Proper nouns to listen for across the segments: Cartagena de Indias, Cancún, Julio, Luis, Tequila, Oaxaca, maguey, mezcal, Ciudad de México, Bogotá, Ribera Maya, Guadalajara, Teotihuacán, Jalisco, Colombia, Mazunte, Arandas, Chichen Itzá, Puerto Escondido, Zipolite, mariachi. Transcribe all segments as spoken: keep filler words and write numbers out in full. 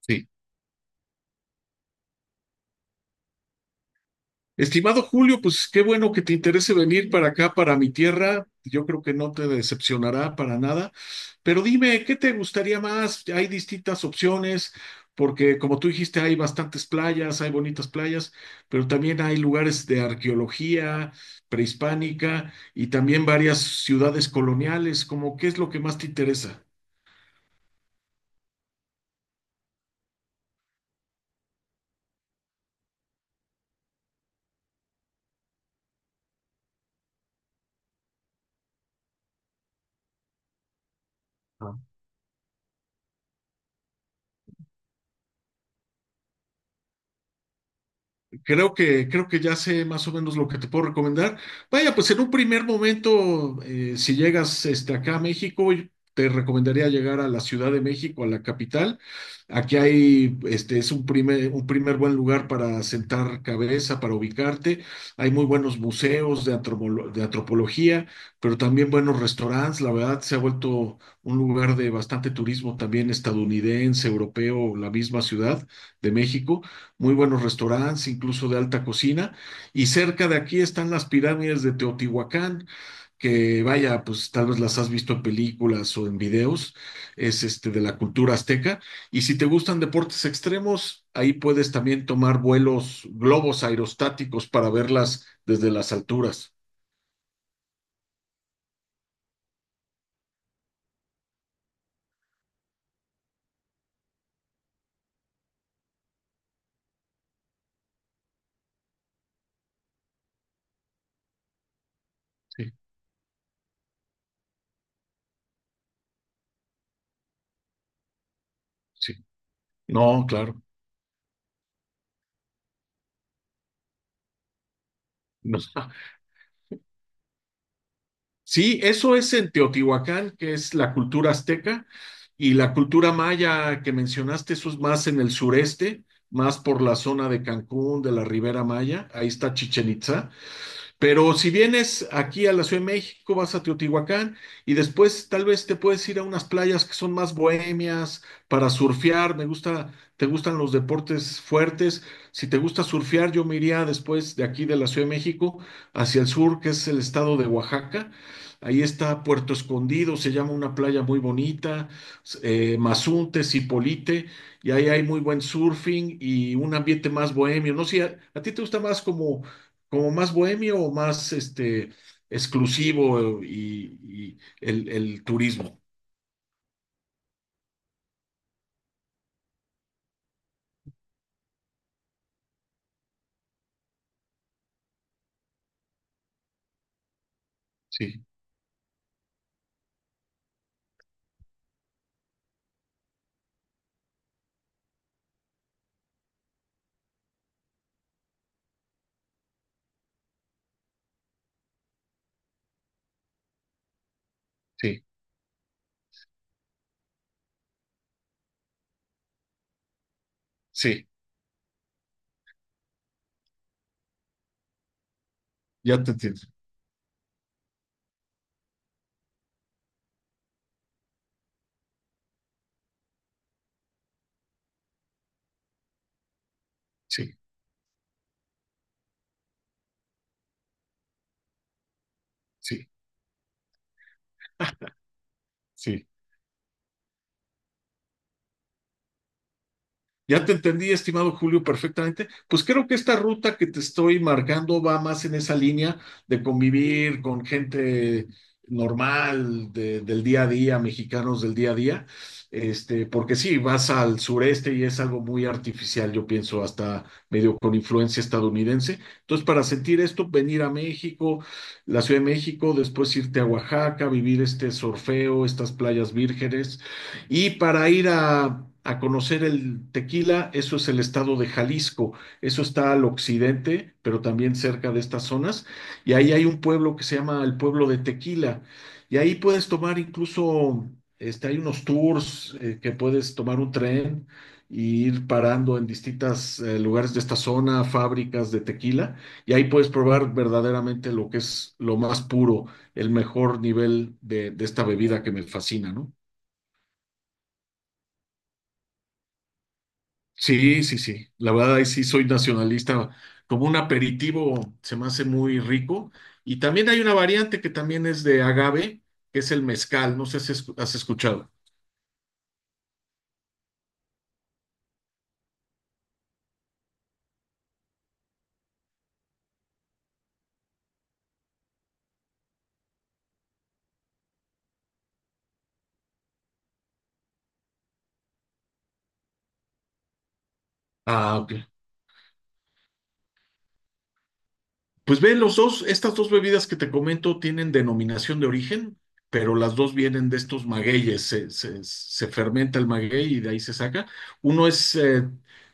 Sí. Estimado Julio, pues qué bueno que te interese venir para acá, para mi tierra. Yo creo que no te decepcionará para nada. Pero dime, ¿qué te gustaría más? Hay distintas opciones, porque como tú dijiste, hay bastantes playas, hay bonitas playas, pero también hay lugares de arqueología prehispánica y también varias ciudades coloniales. Como, ¿qué es lo que más te interesa? Creo que, creo que ya sé más o menos lo que te puedo recomendar. Vaya, pues en un primer momento, eh, si llegas este, acá a México, yo te recomendaría llegar a la Ciudad de México, a la capital. Aquí hay, este, es un primer, un primer buen lugar para sentar cabeza, para ubicarte. Hay muy buenos museos de, antropolo- de antropología, pero también buenos restaurantes. La verdad, se ha vuelto un lugar de bastante turismo también estadounidense, europeo, la misma ciudad de México muy buenos restaurantes, incluso de alta cocina. Y cerca de aquí están las pirámides de Teotihuacán, que vaya, pues tal vez las has visto en películas o en videos, es este de la cultura azteca. Y si te gustan deportes extremos, ahí puedes también tomar vuelos, globos aerostáticos para verlas desde las alturas. Sí, sí. No, claro. No. Sí, eso es en Teotihuacán, que es la cultura azteca, y la cultura maya que mencionaste, eso es más en el sureste, más por la zona de Cancún, de la Ribera Maya, ahí está Chichen Itzá. Pero si vienes aquí a la Ciudad de México, vas a Teotihuacán y después tal vez te puedes ir a unas playas que son más bohemias para surfear. Me gusta, te gustan los deportes fuertes. Si te gusta surfear, yo me iría después de aquí de la Ciudad de México hacia el sur, que es el estado de Oaxaca. Ahí está Puerto Escondido, se llama una playa muy bonita, eh, Mazunte, Zipolite, y ahí hay muy buen surfing y un ambiente más bohemio. No sé, ¿a, a ti te gusta más como como más bohemio o más este, exclusivo y, y el, el turismo? Sí, sí, sí, ya te entiendo. Sí, sí, sí. Ya te entendí, estimado Julio, perfectamente. Pues creo que esta ruta que te estoy marcando va más en esa línea de convivir con gente normal de- del día a día, mexicanos del día a día. Este, porque sí, vas al sureste y es algo muy artificial, yo pienso, hasta medio con influencia estadounidense. Entonces, para sentir esto, venir a México, la Ciudad de México, después irte a Oaxaca, vivir este sorfeo, estas playas vírgenes y para ir a, a conocer el tequila, eso es el estado de Jalisco. Eso está al occidente, pero también cerca de estas zonas. Y ahí hay un pueblo que se llama el pueblo de Tequila. Y ahí puedes tomar incluso, este, hay unos tours eh, que puedes tomar un tren y ir parando en distintos lugares de esta zona, fábricas de tequila. Y ahí puedes probar verdaderamente lo que es lo más puro, el mejor nivel de, de esta bebida que me fascina, ¿no? Sí, sí, sí. La verdad, ahí sí soy nacionalista. Como un aperitivo se me hace muy rico. Y también hay una variante que también es de agave, que es el mezcal. No sé si es- has escuchado. Ah, ok. Pues ve, los dos, estas dos bebidas que te comento tienen denominación de origen, pero las dos vienen de estos magueyes. Se, se- se fermenta el maguey y de ahí se saca. Uno es eh,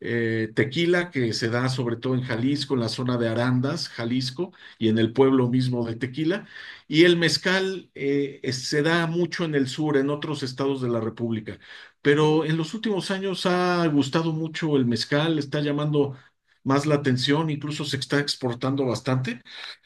eh, tequila, que se da sobre todo en Jalisco, en la zona de Arandas, Jalisco, y en el pueblo mismo de Tequila. Y el mezcal eh, es- se da mucho en el sur, en otros estados de la República. Pero en los últimos años ha gustado mucho el mezcal, está llamando más la atención, incluso se está exportando bastante.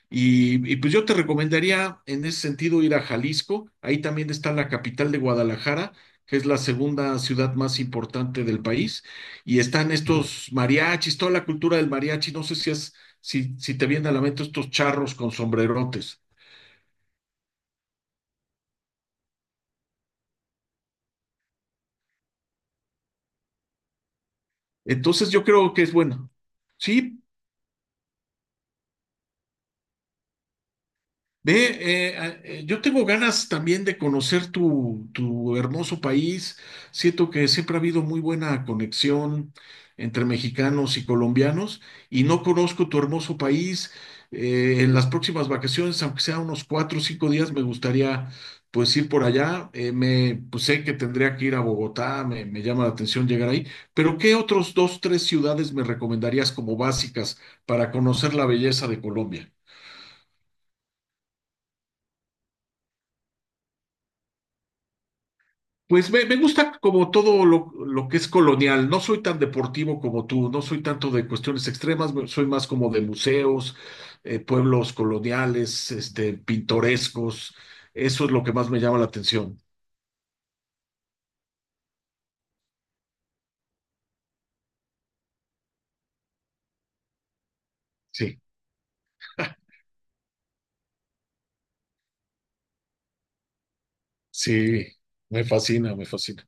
Y, y, pues yo te recomendaría en ese sentido ir a Jalisco, ahí también está la capital de Guadalajara, que es la segunda ciudad más importante del país, y están estos mariachis, toda la cultura del mariachi, no sé si, es, si, si te vienen a la mente estos charros con sombrerotes. Entonces yo creo que es bueno. Sí, ve, eh, eh, yo tengo ganas también de conocer tu, tu hermoso país. Siento que siempre ha habido muy buena conexión entre mexicanos y colombianos y no conozco tu hermoso país. Eh, en las próximas vacaciones, aunque sea unos cuatro o cinco días, me gustaría pues ir por allá. Eh, me, pues sé que tendría que ir a Bogotá, me, me llama la atención llegar ahí. Pero ¿qué otros dos, tres ciudades me recomendarías como básicas para conocer la belleza de Colombia? Pues me, me gusta como todo lo, lo que es colonial. No soy tan deportivo como tú, no soy tanto de cuestiones extremas, me- soy más como de museos, eh, pueblos coloniales, este, pintorescos. Eso es lo que más me llama la atención. Sí, sí, me fascina, me fascina.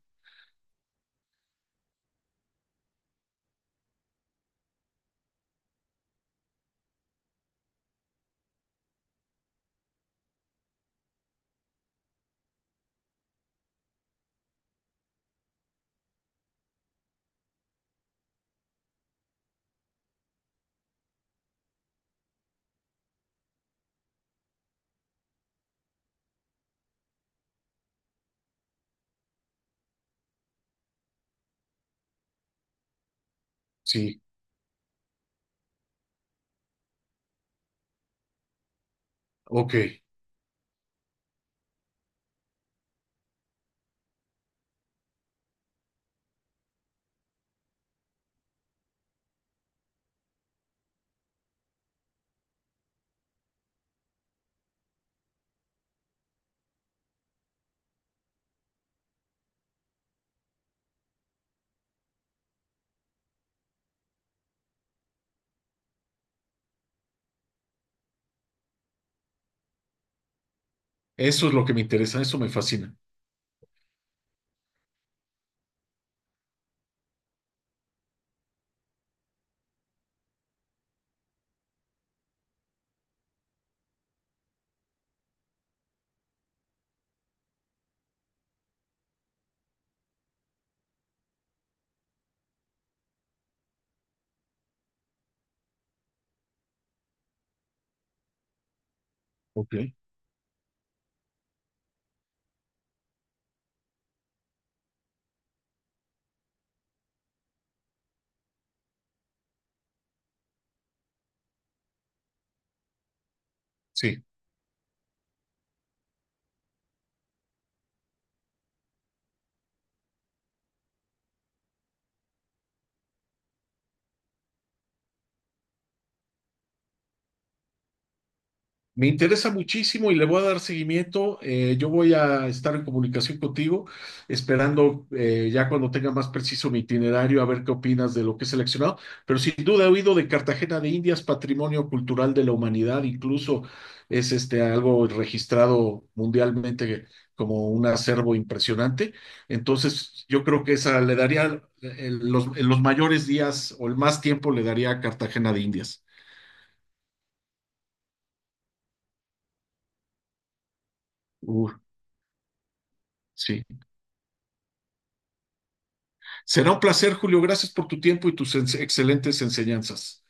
Sí, ok. Eso es lo que me interesa, eso me fascina. Ok. Sí. Me interesa muchísimo y le voy a dar seguimiento. Eh, yo voy a estar en comunicación contigo, esperando eh, ya cuando tenga más preciso mi itinerario, a ver qué opinas de lo que he seleccionado. Pero sin duda he oído de Cartagena de Indias, patrimonio cultural de la humanidad, incluso es este algo registrado mundialmente como un acervo impresionante. Entonces, yo creo que esa le daría en los, en los mayores días o el más tiempo le daría a Cartagena de Indias. Uh, sí. Será un placer, Julio. Gracias por tu tiempo y tus excelentes enseñanzas.